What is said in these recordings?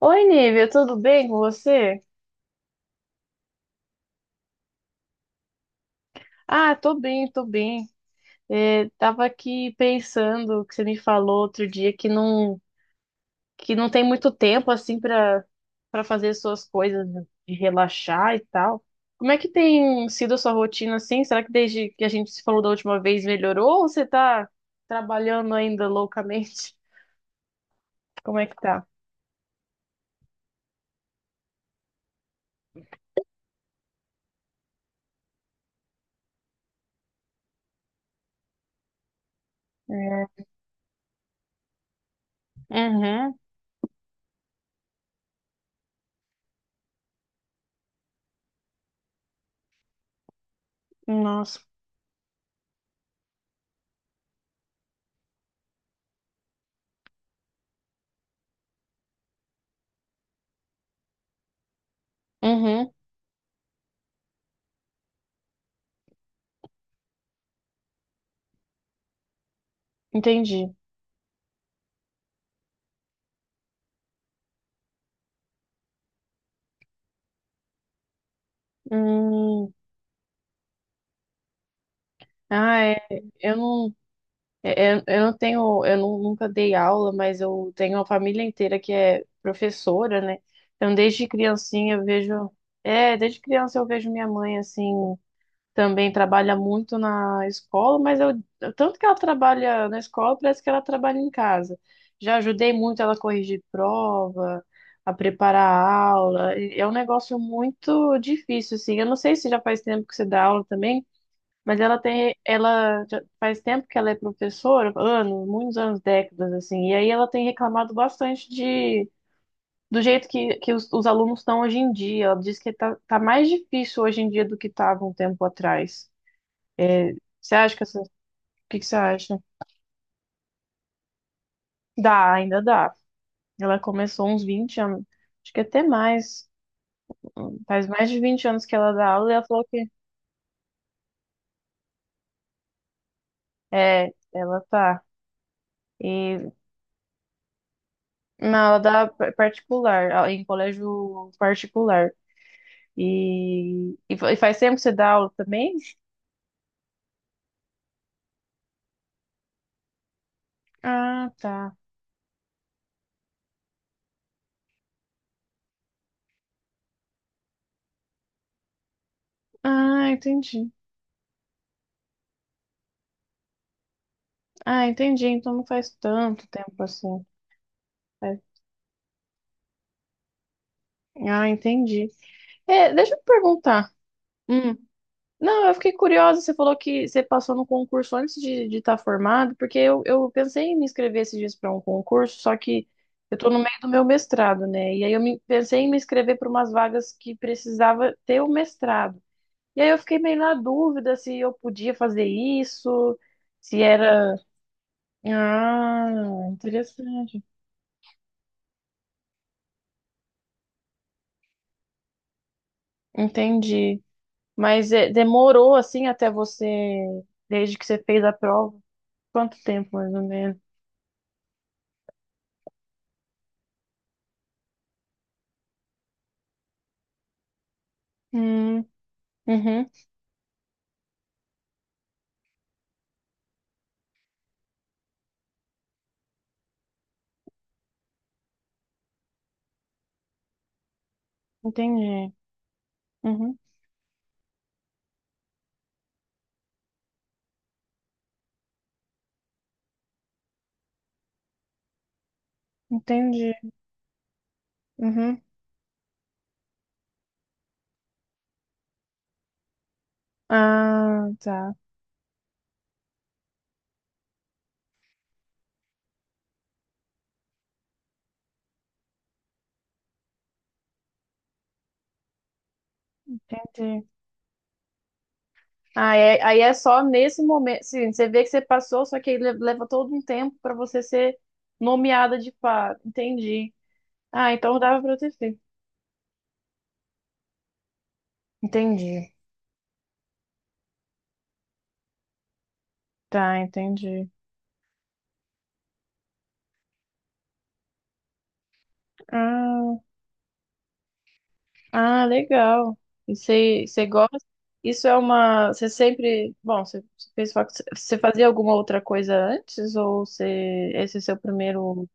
Oi, Nívia, tudo bem com você? Ah, tô bem, tô bem. É, tava aqui pensando que você me falou outro dia que não tem muito tempo assim para fazer suas coisas de relaxar e tal. Como é que tem sido a sua rotina assim? Será que desde que a gente se falou da última vez melhorou ou você tá trabalhando ainda loucamente? Como é que tá? Uhum, nossa. Uhum, entendi. Hum. Ah, é, eu não É, Eu, eu não tenho, nunca dei aula, mas eu tenho uma família inteira que é professora, né? Então, desde criancinha eu desde criança eu vejo minha mãe, assim, também trabalha muito na escola, tanto que ela trabalha na escola, parece que ela trabalha em casa. Já ajudei muito ela a corrigir prova, a preparar a aula. É um negócio muito difícil, assim. Eu não sei se já faz tempo que você dá aula também, mas ela já faz tempo que ela é professora, anos, muitos anos, décadas, assim, e aí ela tem reclamado bastante de, do jeito que os alunos estão hoje em dia. Ela diz que tá mais difícil hoje em dia do que estava um tempo atrás. É. Você acha que o que que você acha? Dá, ainda dá. Ela começou uns 20 anos, acho que até mais, faz mais de 20 anos que ela dá aula e ela falou que é, ela tá. E mas ela dá particular, em colégio particular. E faz tempo que você dá aula também? Ah, tá. Ah, entendi. Ah, entendi. Então não faz tanto tempo assim. Faz- Ah, entendi. É, deixa eu te perguntar. Hum. Não, eu fiquei curiosa. Você falou que você passou no concurso antes de estar formado, porque eu pensei em me inscrever esses dias para um concurso, só que eu tô no meio do meu mestrado, né? E aí pensei em me inscrever para umas vagas que precisava ter o mestrado. E aí eu fiquei meio na dúvida se eu podia fazer isso, se era. Ah, interessante. Entendi. Mas é, demorou assim até você, desde que você fez a prova? Quanto tempo, mais ou menos? Hum, uhum, entendi. Uhum, entendi. Uhum. Ah, tá. Entendi. Ah, é, aí é só nesse momento. Sim, você vê que você passou, só que aí leva todo um tempo para você ser nomeada de par. Entendi. Ah, então dava pra ter. Entendi. Tá, entendi. Ah, ah, legal. E você gosta? Isso é uma. Você sempre. Bom, você fazia alguma outra coisa antes? Ou você, esse é seu primeiro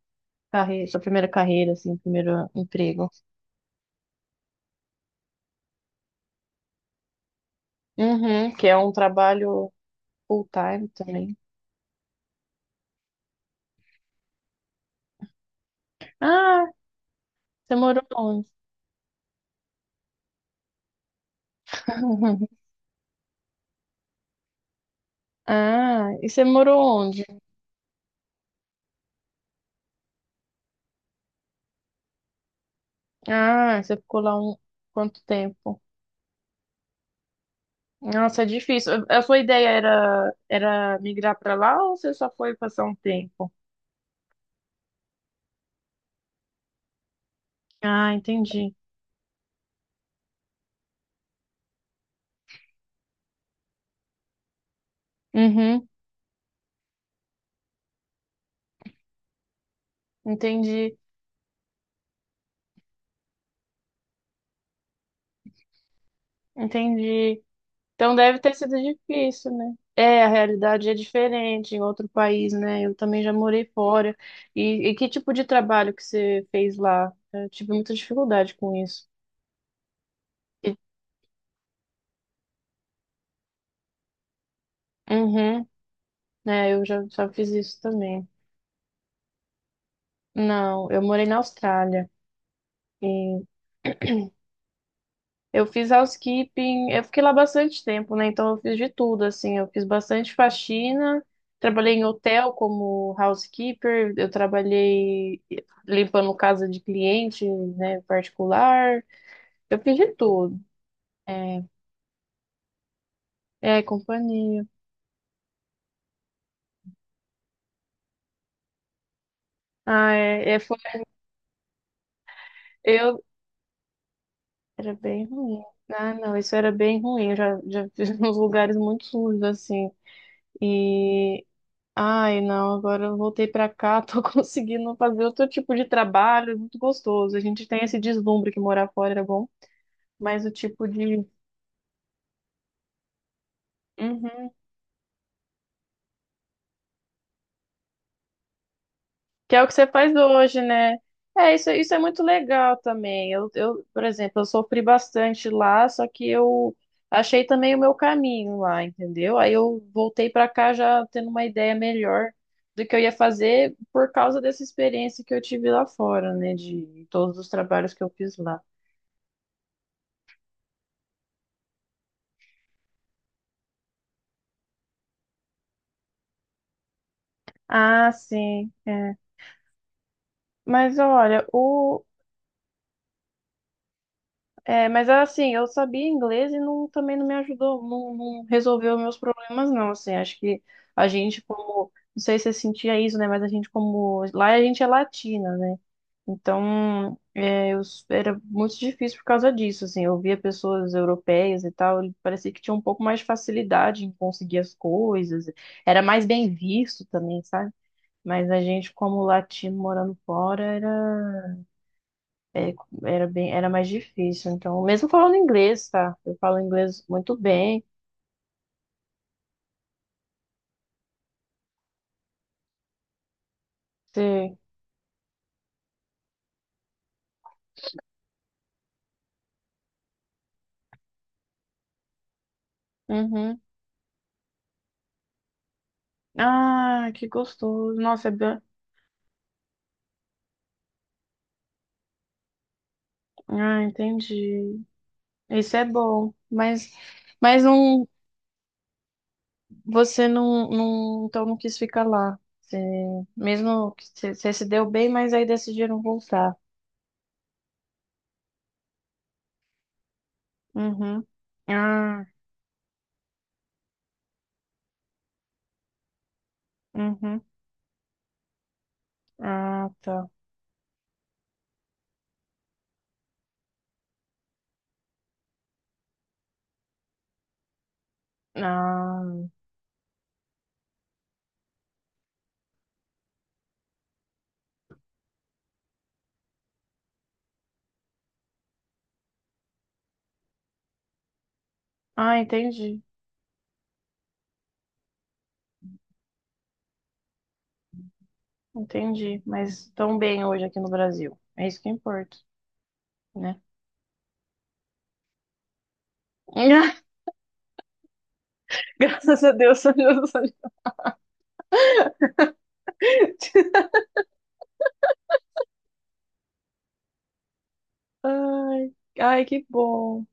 carreira, sua primeira carreira, assim, primeiro emprego? Uhum, que é um trabalho full-time também. Ah, você morou onde? Ah, e você morou onde? Ah, você ficou lá quanto tempo? Nossa, é difícil. A sua era migrar para lá ou você só foi passar um tempo? Ah, entendi. Uhum, entendi, entendi. Então deve ter sido difícil, né? É, a realidade é diferente em outro país, né? Eu também já morei fora. E que tipo de trabalho que você fez lá? Eu tive muita dificuldade com isso. E- Uhum, né? Eu já fiz isso também. Não, eu morei na Austrália. Eu fiz housekeeping, eu fiquei lá bastante tempo, né? Então eu fiz de tudo, assim, eu fiz bastante faxina, trabalhei em hotel como housekeeper, eu trabalhei limpando casa de cliente, né, particular, eu fiz de tudo. É, é companhia. Ah, eu era bem ruim. Ah, não, isso era bem ruim. Eu já fiz uns lugares muito sujos, assim. e Ai, não, agora eu voltei pra cá, tô conseguindo fazer outro tipo de trabalho, é muito gostoso. A gente tem esse deslumbre que morar fora era bom, mas o tipo de. Uhum. Que é o que você faz hoje, né? É, isso é muito legal também. Eu por exemplo, eu sofri bastante lá, só que eu achei também o meu caminho lá, entendeu? Aí eu voltei pra cá já tendo uma ideia melhor do que eu ia fazer por causa dessa experiência que eu tive lá fora, né? De todos os trabalhos que eu fiz lá. Ah, sim, é. Mas olha, o. É, mas assim, eu sabia inglês e não, também não me ajudou, não, não resolveu meus problemas, não. Assim, acho que a gente, como. Não sei se você sentia isso, né? Mas a gente, como. Lá a gente é latina, né? Então, era muito difícil por causa disso, assim. Eu via pessoas europeias e tal, e parecia que tinha um pouco mais de facilidade em conseguir as coisas. Era mais bem visto também, sabe? Mas a gente, como latino morando fora, era. É, era mais difícil. Então, mesmo falando inglês, tá? Eu falo inglês muito bem. Sei. Uhum. Ah, que gostoso. Nossa, é bem. Ah, entendi. Isso é bom. Mas não, você não, não, então não quis ficar lá. Você, mesmo que você se deu bem, mas aí decidiram voltar. Uhum. Ah, uhum. Ah, tá. Ah, ah, entendi. Entendi. Mas tão bem hoje aqui no Brasil. É isso que importa, né? Graças a Deus, São José. Ai, ai, que bom.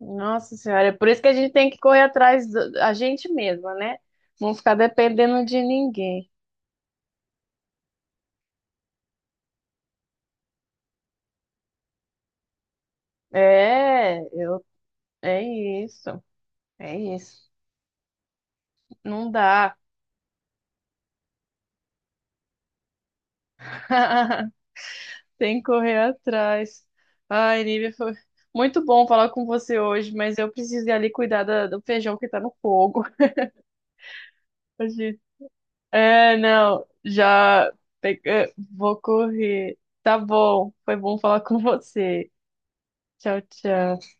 Nossa Senhora, é por isso que a gente tem que correr atrás da a gente mesma, né? Não ficar dependendo de ninguém. É, eu, é isso, é isso. Não dá. Tem que correr atrás. Ai, Nívia, foi muito bom falar com você hoje, mas eu preciso ir ali cuidar do feijão que tá no fogo. É, não, já pega. Vou correr. Tá bom, foi bom falar com você. Tchau, tchau.